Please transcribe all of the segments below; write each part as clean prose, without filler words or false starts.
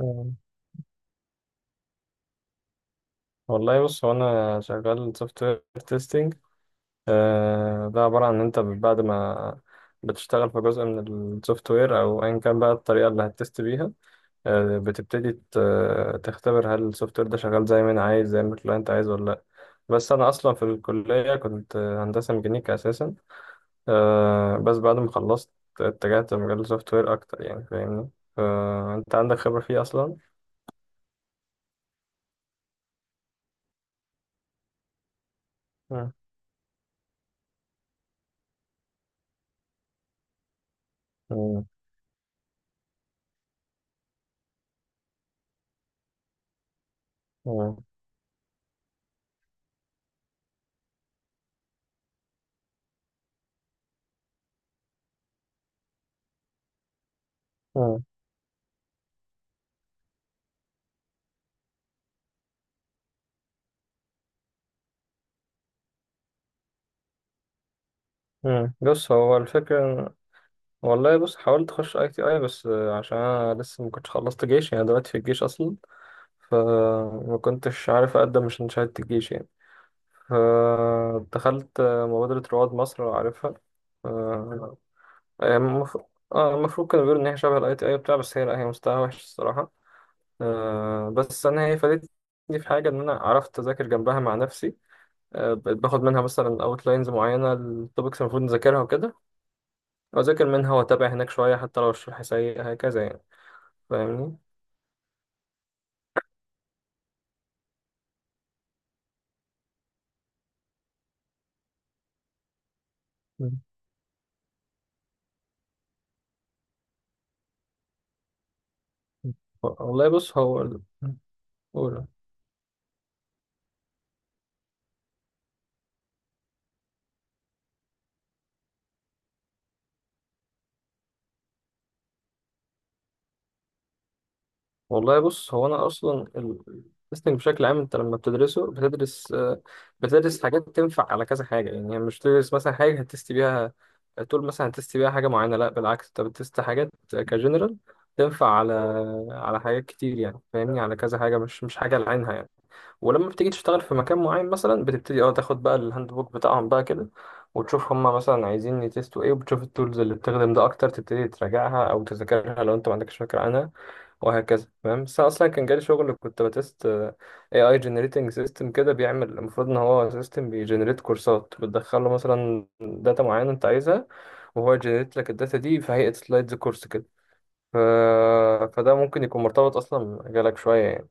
آه. والله بص هو انا شغال سوفت وير تيستنج. ده عباره عن ان انت بعد ما بتشتغل في جزء من السوفت وير او ايا كان بقى الطريقه اللي هتست بيها. بتبتدي تختبر هل السوفت وير ده شغال زي ما انا عايز زي ما الكلاينت عايز ولا لا. بس انا اصلا في الكليه كنت هندسه ميكانيكا اساسا. بس بعد ما خلصت اتجهت لمجال السوفت وير اكتر، يعني فاهمني، فانت عندك خبره فيه اصلا. مم. مم. مم. مم. بص، هو الفكرة، والله بص حاولت أخش أي تي أي، بس عشان أنا لسه ما كنتش خلصت جيش، يعني دلوقتي في الجيش أصلا، فما كنتش عارف أقدم عشان شهادة الجيش يعني. فدخلت مبادرة رواد مصر، لو عارفها. آه، هي المفروض، اه، المفروض كانوا بيقولوا إن هي شبه الأي تي أي بتاع، بس هي لأ، هي مستواها وحش الصراحة. بس أنا هي فادتني في حاجة، إن أنا عرفت أذاكر جنبها مع نفسي. بقيت باخد منها مثلا أوتلاينز معينة، التوبكس المفروض نذاكرها وكده، أذاكر منها وأتابع هناك شوية حتى لو الشرح سيء، هكذا يعني، فاهمني. مم. مم. والله قول. والله بص، هو أنا أصلا التستنج بشكل عام، أنت لما بتدرسه بتدرس، بتدرس حاجات تنفع على كذا حاجة، يعني مش بتدرس مثلا حاجة هتست بيها، تقول مثلا هتست بيها حاجة معينة، لا بالعكس، أنت بتست حاجات كجنرال، تنفع على حاجات كتير يعني، فاهمني، على كذا حاجة، مش حاجة لعينها يعني. ولما بتيجي تشتغل في مكان معين مثلا، بتبتدي اه تاخد بقى الهاند بوك بتاعهم بقى كده، وتشوف هما مثلا عايزين يتستوا ايه، وبتشوف التولز اللي بتخدم ده اكتر، تبتدي تراجعها او تذاكرها لو انت ما عندكش فكره عنها، وهكذا، فاهم. بس أنا اصلا كان جالي شغل كنت بتست اي اي جنريتنج سيستم كده، بيعمل، المفروض ان هو سيستم بيجنريت كورسات، بتدخله مثلا داتا معينه انت عايزها، وهو يجنريت لك الداتا دي في هيئه سلايدز كورس كده. ف... فده ممكن يكون مرتبط اصلا بمجالك شويه يعني.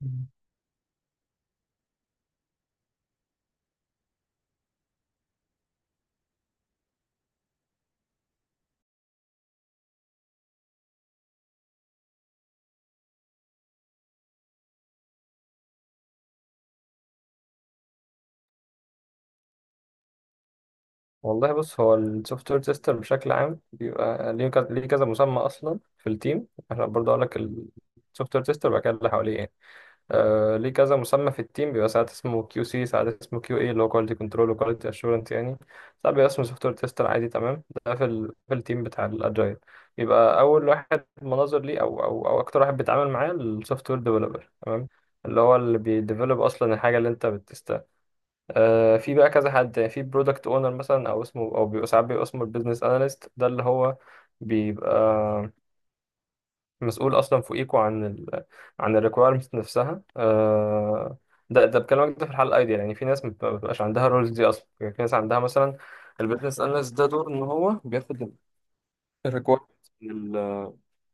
مم. والله بص، هو السوفت وير تيستر بشكل عام بيبقى ليه كذا، ليه كذا مسمى اصلا في التيم. احنا برضه اقول لك، السوفت وير تيستر بقى اللي حواليه يعني، آه، ليه كذا مسمى في التيم. بيبقى ساعات اسمه كيو سي، ساعات اسمه كيو اي، اللي هو كواليتي كنترول وكواليتي اشورنس يعني. ساعات بيبقى اسمه سوفت وير تيستر عادي، تمام. ده في في التيم بتاع الاجايل. يبقى اول واحد مناظر ليه، او اكتر واحد بيتعامل معاه السوفت وير ديفلوبر، تمام، اللي هو اللي بيديفلوب اصلا الحاجه اللي انت بتست. في بقى كذا حد يعني، في برودكت اونر مثلا، او اسمه، او بيبقى ساعات بيبقى اسمه البيزنس اناليست. ده اللي هو بيبقى مسؤول اصلا فوقيكوا عن عن الريكويرمنت نفسها. ده بكلمك ده في الحاله الايديال يعني. في ناس ما بتبقاش عندها الرولز دي اصلا يعني، في ناس عندها مثلا البيزنس اناليست ده، دور ان هو بياخد الريكويرمنت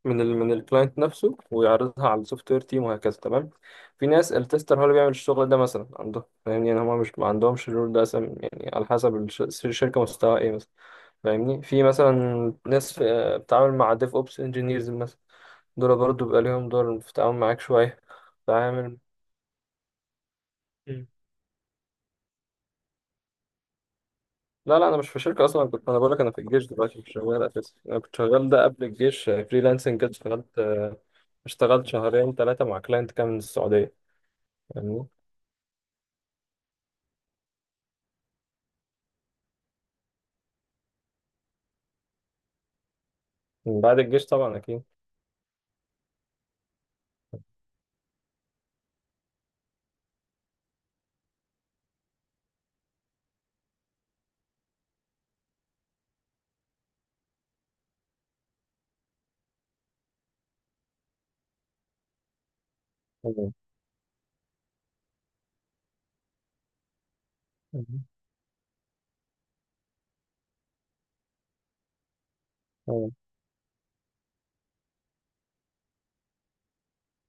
من ال من الكلاينت نفسه، ويعرضها على السوفت وير تيم وهكذا، تمام. في ناس التستر هو اللي بيعمل الشغل ده مثلا عندهم، فاهمني، يعني هما مش ما عندهمش الرول ده أصلا يعني، على حسب الشركه مستواها ايه مثلا، فاهمني. في مثلا ناس بتتعامل مع ديف اوبس انجينيرز مثلا، دول برضه بيبقى ليهم دور في التعامل معاك شويه. تعامل. مم. لا لا، انا مش في شركه اصلا، أنا كنت، انا بقول لك، انا في الجيش دلوقتي مش شغال اساسا، انا كنت شغال ده قبل الجيش فريلانسنج كده، اشتغلت، اشتغلت شهرين ثلاثه مع كلاينت كان من السعوديه، فاهمني؟ من بعد الجيش طبعا أكيد. مم. مم.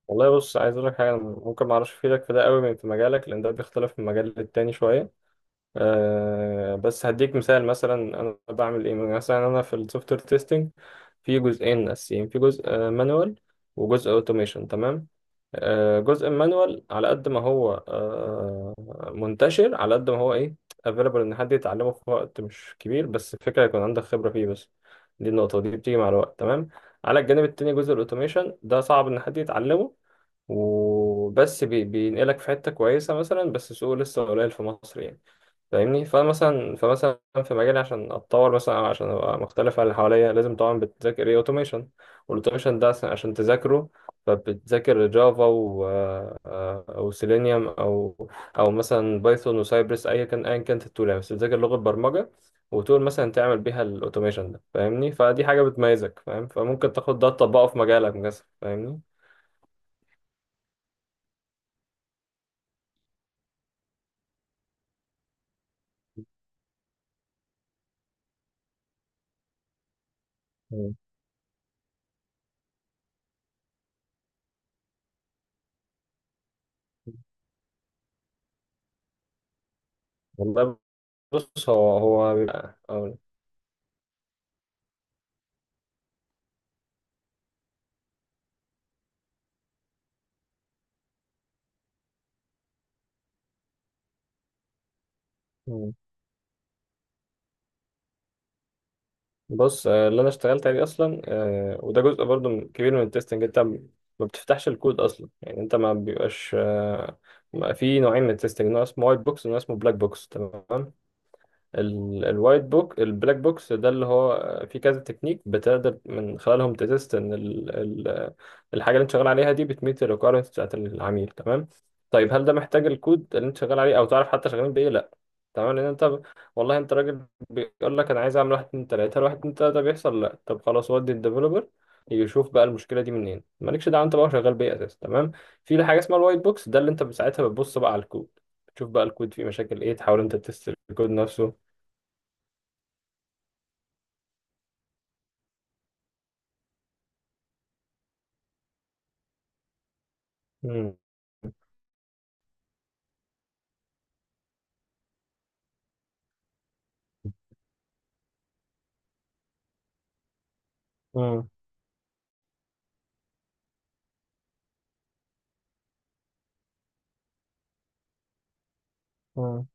والله بص، عايز أقول لك حاجة، أنا ممكن ما أعرفش أفيدك في ده قوي من في مجالك، لأن ده بيختلف من مجال للتاني شوية. بس هديك مثال مثلا، انا بعمل ايه مثلا، انا في السوفت وير تيستنج في جزئين اساسيين، في جزء مانوال وجزء اوتوميشن، تمام. جزء المانوال على قد ما هو منتشر، على قد ما هو ايه، افيلبل، ان حد يتعلمه في وقت مش كبير، بس الفكره يكون عندك خبره فيه بس، دي النقطه دي بتيجي مع الوقت، تمام. على الجانب التاني جزء الاوتوميشن، ده صعب ان حد يتعلمه، وبس بينقلك في حته كويسه مثلا، بس سوقه لسه قليل في مصر يعني، فاهمني. فمثلا في مجالي عشان اتطور مثلا، أو عشان ابقى مختلف عن اللي حواليا، لازم طبعا بتذاكر ايه، اوتوميشن. والاوتوميشن ده عشان تذاكره، فبتذاكر جافا و او سيلينيوم، او او مثلا بايثون وسايبرس، ايا كان، ايا كانت التول يعني، بس بتذاكر لغه برمجه، وتقول مثلا تعمل بيها الاوتوميشن ده، فاهمني، فدي حاجه بتميزك، فاهم، فممكن تاخد ده تطبقه في مجالك مثلا، فاهمني. مم. والله بص، هو أقول لك. بص، اللي انا اشتغلت عليه اصلا، وده جزء برضو كبير من التستنج. انت ما بتفتحش الكود اصلا يعني، انت ما بيبقاش في نوعين من التستنج، نوع اسمه وايت بوكس ونوع اسمه بلاك بوكس، تمام. ال- الوايت بوك البلاك بوكس ده اللي هو في كذا تكنيك بتقدر من خلالهم تتست ان ال الحاجه اللي انت شغال عليها دي بتميت الريكويرمنتس بتاعت العميل، تمام. طيب هل ده محتاج الكود اللي انت شغال عليه او تعرف حتى شغالين بايه؟ لا، تمام، لان والله انت راجل بيقول لك انا عايز اعمل واحد اتنين تلاته، هل واحد اتنين تلاته بيحصل؟ لا، طب خلاص، ودي الديفلوبر يشوف بقى المشكله دي منين، مالكش دعوه انت بقى شغال بايه اساسا، تمام. في حاجه اسمها الوايت بوكس، ده اللي انت ساعتها بتبص بقى على الكود، تشوف بقى الكود فيه مشاكل ايه، تحاول انت تست الكود نفسه. مم. مم. مم.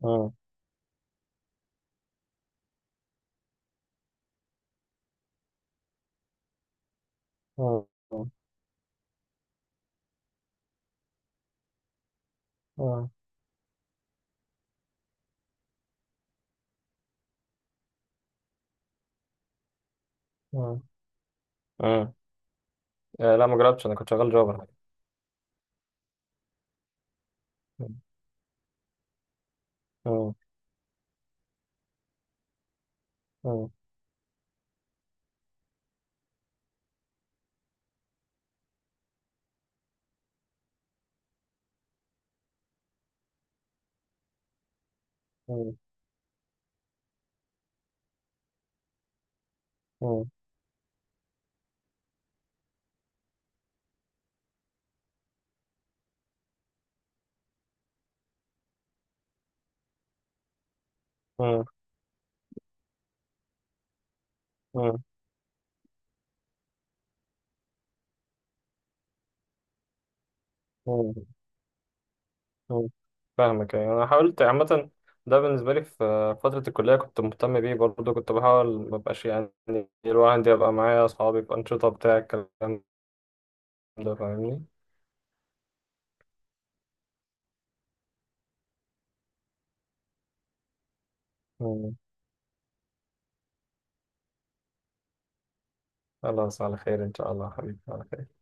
مم. مم. مم. مم. مم. لا، ما جربتش، انا كنت شغال جوبر. مم. مم. مم. مم. مم. مم. مم. مم. مم. فاهمك. يعني انا حاولت عامه، ده بالنسبه لي في فتره الكليه كنت مهتم بيه برضه، كنت بحاول ما ابقاش يعني، الواحد يبقى معايا اصحابي في انشطه بتاع الكلام ده، فاهمني. مم. خلاص، على خير ان شاء الله، حبيبي، على خير.